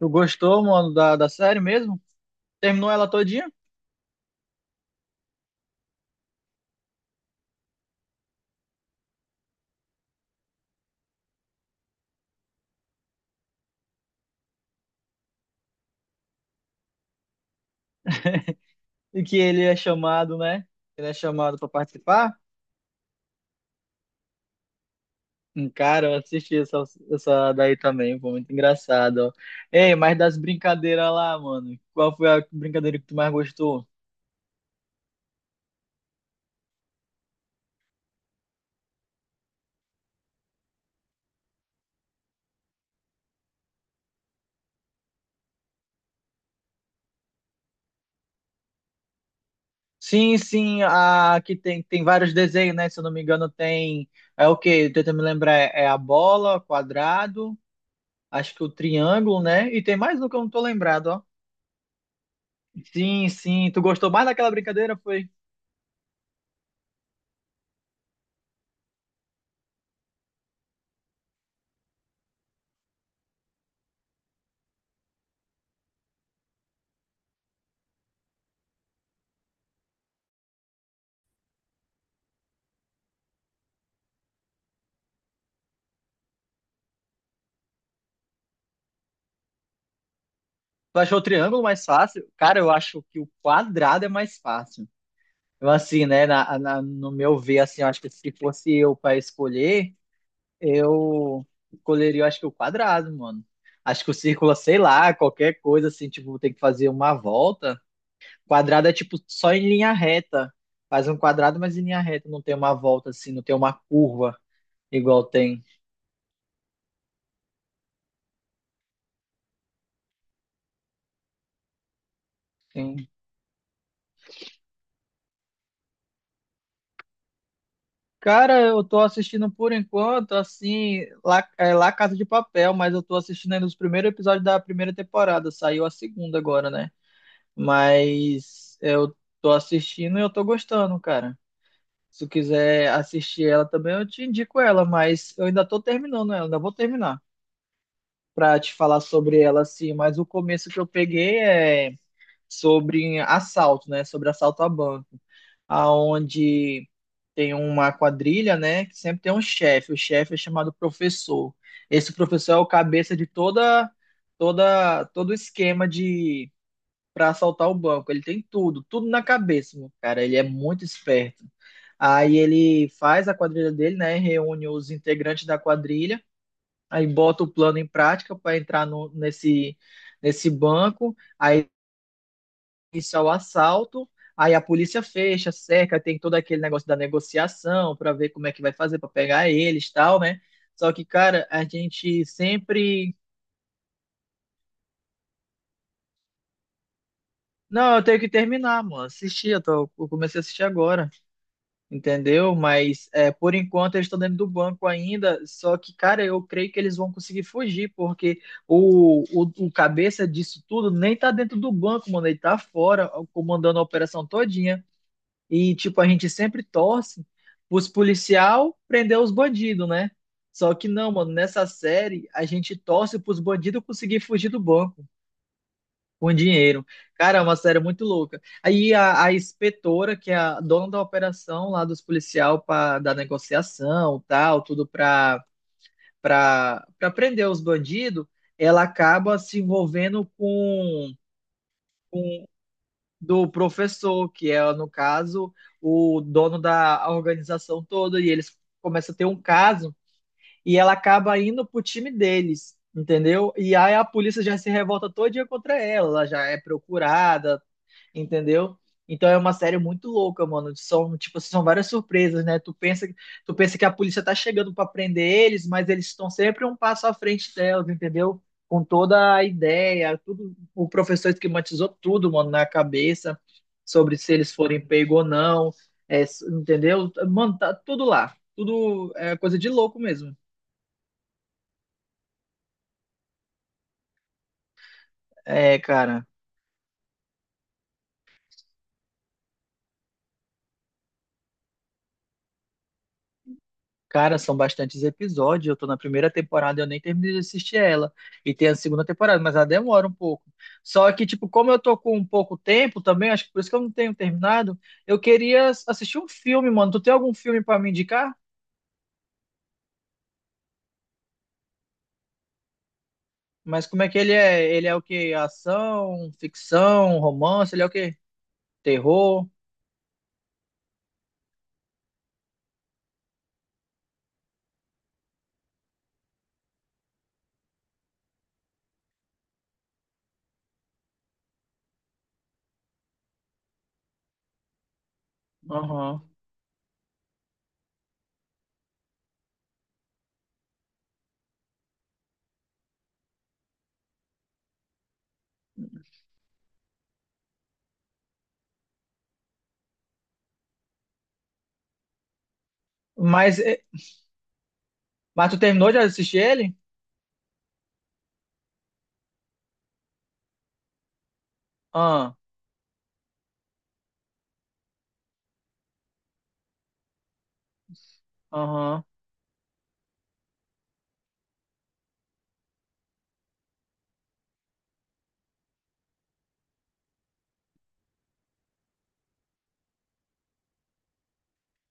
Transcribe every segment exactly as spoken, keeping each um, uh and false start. Tu gostou, mano, da, da série mesmo? Terminou ela todinha? E que ele é chamado, né? Ele é chamado pra participar? Hum, Cara, eu assisti essa, essa daí também, foi muito engraçado, ó. Ei, mas das brincadeiras lá, mano, qual foi a brincadeira que tu mais gostou? Sim, sim, a que tem, tem vários desenhos, né? Se eu não me engano, tem. É o quê? Tenta me lembrar, é é a bola, quadrado, acho que o triângulo, né? E tem mais um que eu não tô lembrado, ó. Sim, sim. Tu gostou mais daquela brincadeira? Foi? Tu achou o triângulo mais fácil? Cara, eu acho que o quadrado é mais fácil. Eu, assim, né, na, na- no meu ver, assim, eu acho que se fosse eu para escolher, eu escolheria, eu acho que o quadrado, mano. Acho que o círculo, sei lá, qualquer coisa, assim, tipo, tem que fazer uma volta. Quadrado é, tipo, só em linha reta. Faz um quadrado, mas em linha reta, não tem uma volta, assim, não tem uma curva igual tem. Tem- Cara, eu tô assistindo por enquanto, assim, lá, é, lá Casa de Papel, mas eu tô assistindo ainda os primeiros episódios da primeira temporada. Saiu a segunda agora, né? Mas eu tô assistindo e eu tô gostando, cara. Se tu quiser assistir ela também, eu te indico ela, mas eu ainda tô terminando ela, ainda vou terminar pra te falar sobre ela, assim. Mas o começo que eu peguei é sobre assalto, né? Sobre assalto a banco, aonde tem uma quadrilha, né? Que sempre tem um chefe. O chefe é chamado professor. Esse professor é o cabeça de toda, toda, todo o esquema de para assaltar o banco. Ele tem tudo, tudo na cabeça, meu cara. Ele é muito esperto. Aí ele faz a quadrilha dele, né? Reúne os integrantes da quadrilha, aí bota o plano em prática para entrar no, nesse, nesse banco. Aí iniciar o assalto, aí a polícia fecha, cerca, tem todo aquele negócio da negociação para ver como é que vai fazer para pegar eles, e tal, né? Só que, cara, a gente sempre não, eu tenho que terminar, mano. Assisti, eu, tô, eu comecei a assistir agora, entendeu? Mas é, por enquanto eles estão dentro do banco ainda. Só que, cara, eu creio que eles vão conseguir fugir, porque o, o, o cabeça disso tudo nem tá dentro do banco, mano. Ele tá fora, comandando a operação todinha. E, tipo, a gente sempre torce os policial prender os bandidos, né? Só que não, mano, nessa série a gente torce pros bandidos conseguir fugir do banco com dinheiro. Cara, é uma série muito louca. Aí a, a inspetora, que é a dona da operação lá dos policial pra, da negociação, tal, tudo pra, pra, pra prender os bandidos, ela acaba se envolvendo com do professor, que é, no caso, o dono da organização toda, e eles começam a ter um caso, e ela acaba indo pro time deles, entendeu? E aí a polícia já se revolta todo dia contra ela, ela já é procurada, entendeu? Então é uma série muito louca, mano. São, tipo, assim, são várias surpresas, né? Tu pensa, tu pensa que a polícia tá chegando pra prender eles, mas eles estão sempre um passo à frente delas, entendeu? Com toda a ideia, tudo, o professor esquematizou tudo, mano, na cabeça sobre se eles forem pegos ou não, é, s- entendeu? Mano, tá tudo lá. Tudo é coisa de louco mesmo. É, cara. Cara, são bastantes episódios. Eu tô na primeira temporada, eu nem terminei de assistir ela. E tem a segunda temporada, mas ela demora um pouco. Só que, tipo, como eu tô com um pouco tempo também, acho que por isso que eu não tenho terminado, eu queria ass- assistir um filme, mano. Tu tem algum filme pra me indicar? Mas como é que ele é? Ele é o quê? Ação, ficção, romance? Ele é o quê? Terror? Aham. Mas, é- mas tu terminou de assistir ele? Ah, aham.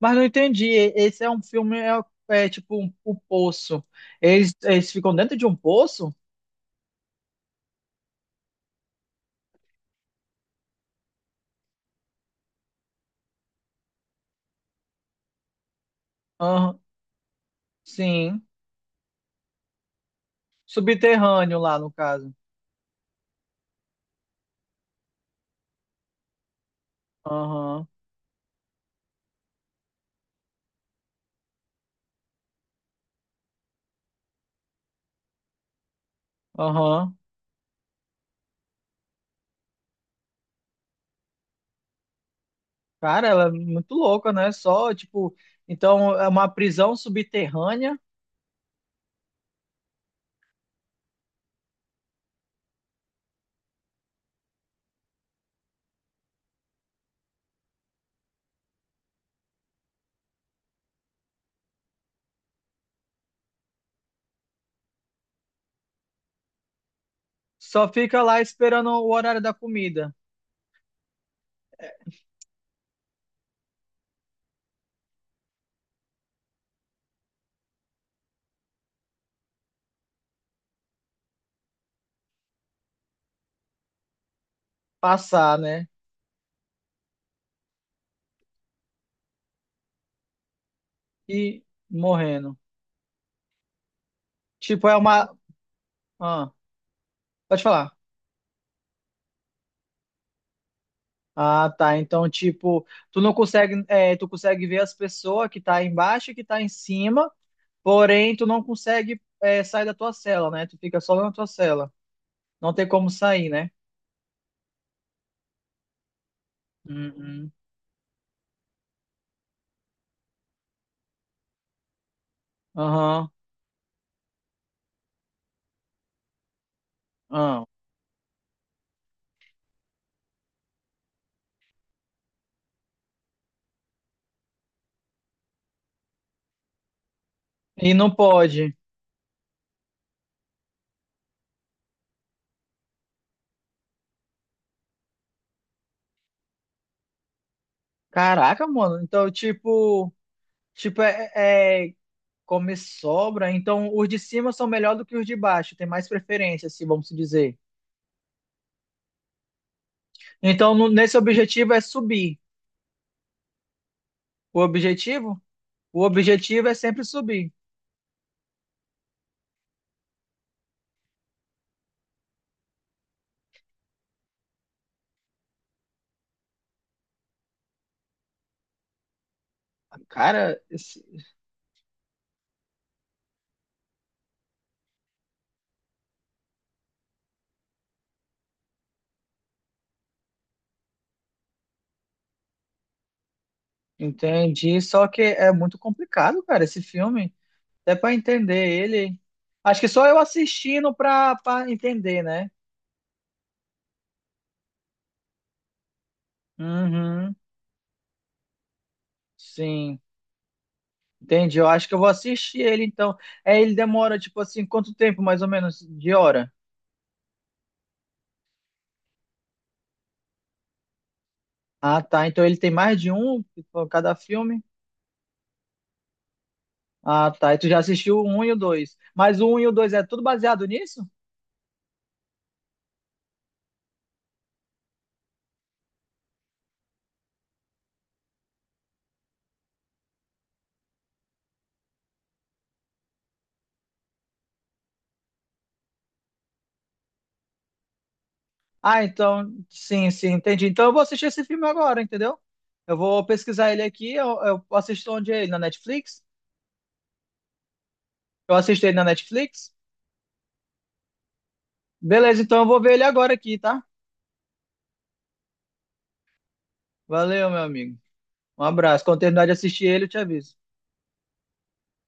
Mas não entendi. e- Esse é um filme, é, é tipo um, o poço. Eles, eles ficam dentro de um poço? Aham, sim. Subterrâneo lá, no caso. Aham, aham. Cara, ela é muito louca, né? Só, tipo, então é uma prisão subterrânea, só fica lá esperando o horário da comida passar, né? E morrendo. Tipo, é uma. Ah, pode falar. Ah, tá. Então, tipo, tu não consegue, é, tu consegue ver as pessoas que tá embaixo e que tá em cima, porém tu não consegue, é, sair da tua cela, né? Tu fica só na tua cela. Não tem como sair, né? Uhum. Aham. Ah. E não pode. Caraca, mano. Então, tipo, tipo é, é come sobra. Então, os de cima são melhor do que os de baixo. Tem mais preferência, assim, vamos dizer. Então, no- nesse objetivo é subir. O objetivo? O objetivo é sempre subir. Cara, esse- entendi, só que é muito complicado, cara, esse filme. Até pra entender ele. Acho que só eu assistindo pra, pra entender, né? Uhum, sim. Entendi. Eu acho que eu vou assistir ele, então. É, ele demora, tipo assim, quanto tempo, mais ou menos, de hora? Ah, tá. Então ele tem mais de um por cada filme? Ah, tá. E tu já assistiu o um e o dois. Mas o um e o dois é tudo baseado nisso? Ah, então, sim, sim, entendi. Então eu vou assistir esse filme agora, entendeu? Eu vou pesquisar ele aqui, eu, eu assisto onde é ele? Na Netflix? Eu assisto ele na Netflix? Beleza, então eu vou ver ele agora aqui, tá? Valeu, meu amigo. Um abraço. Quando terminar de assistir ele, eu te aviso.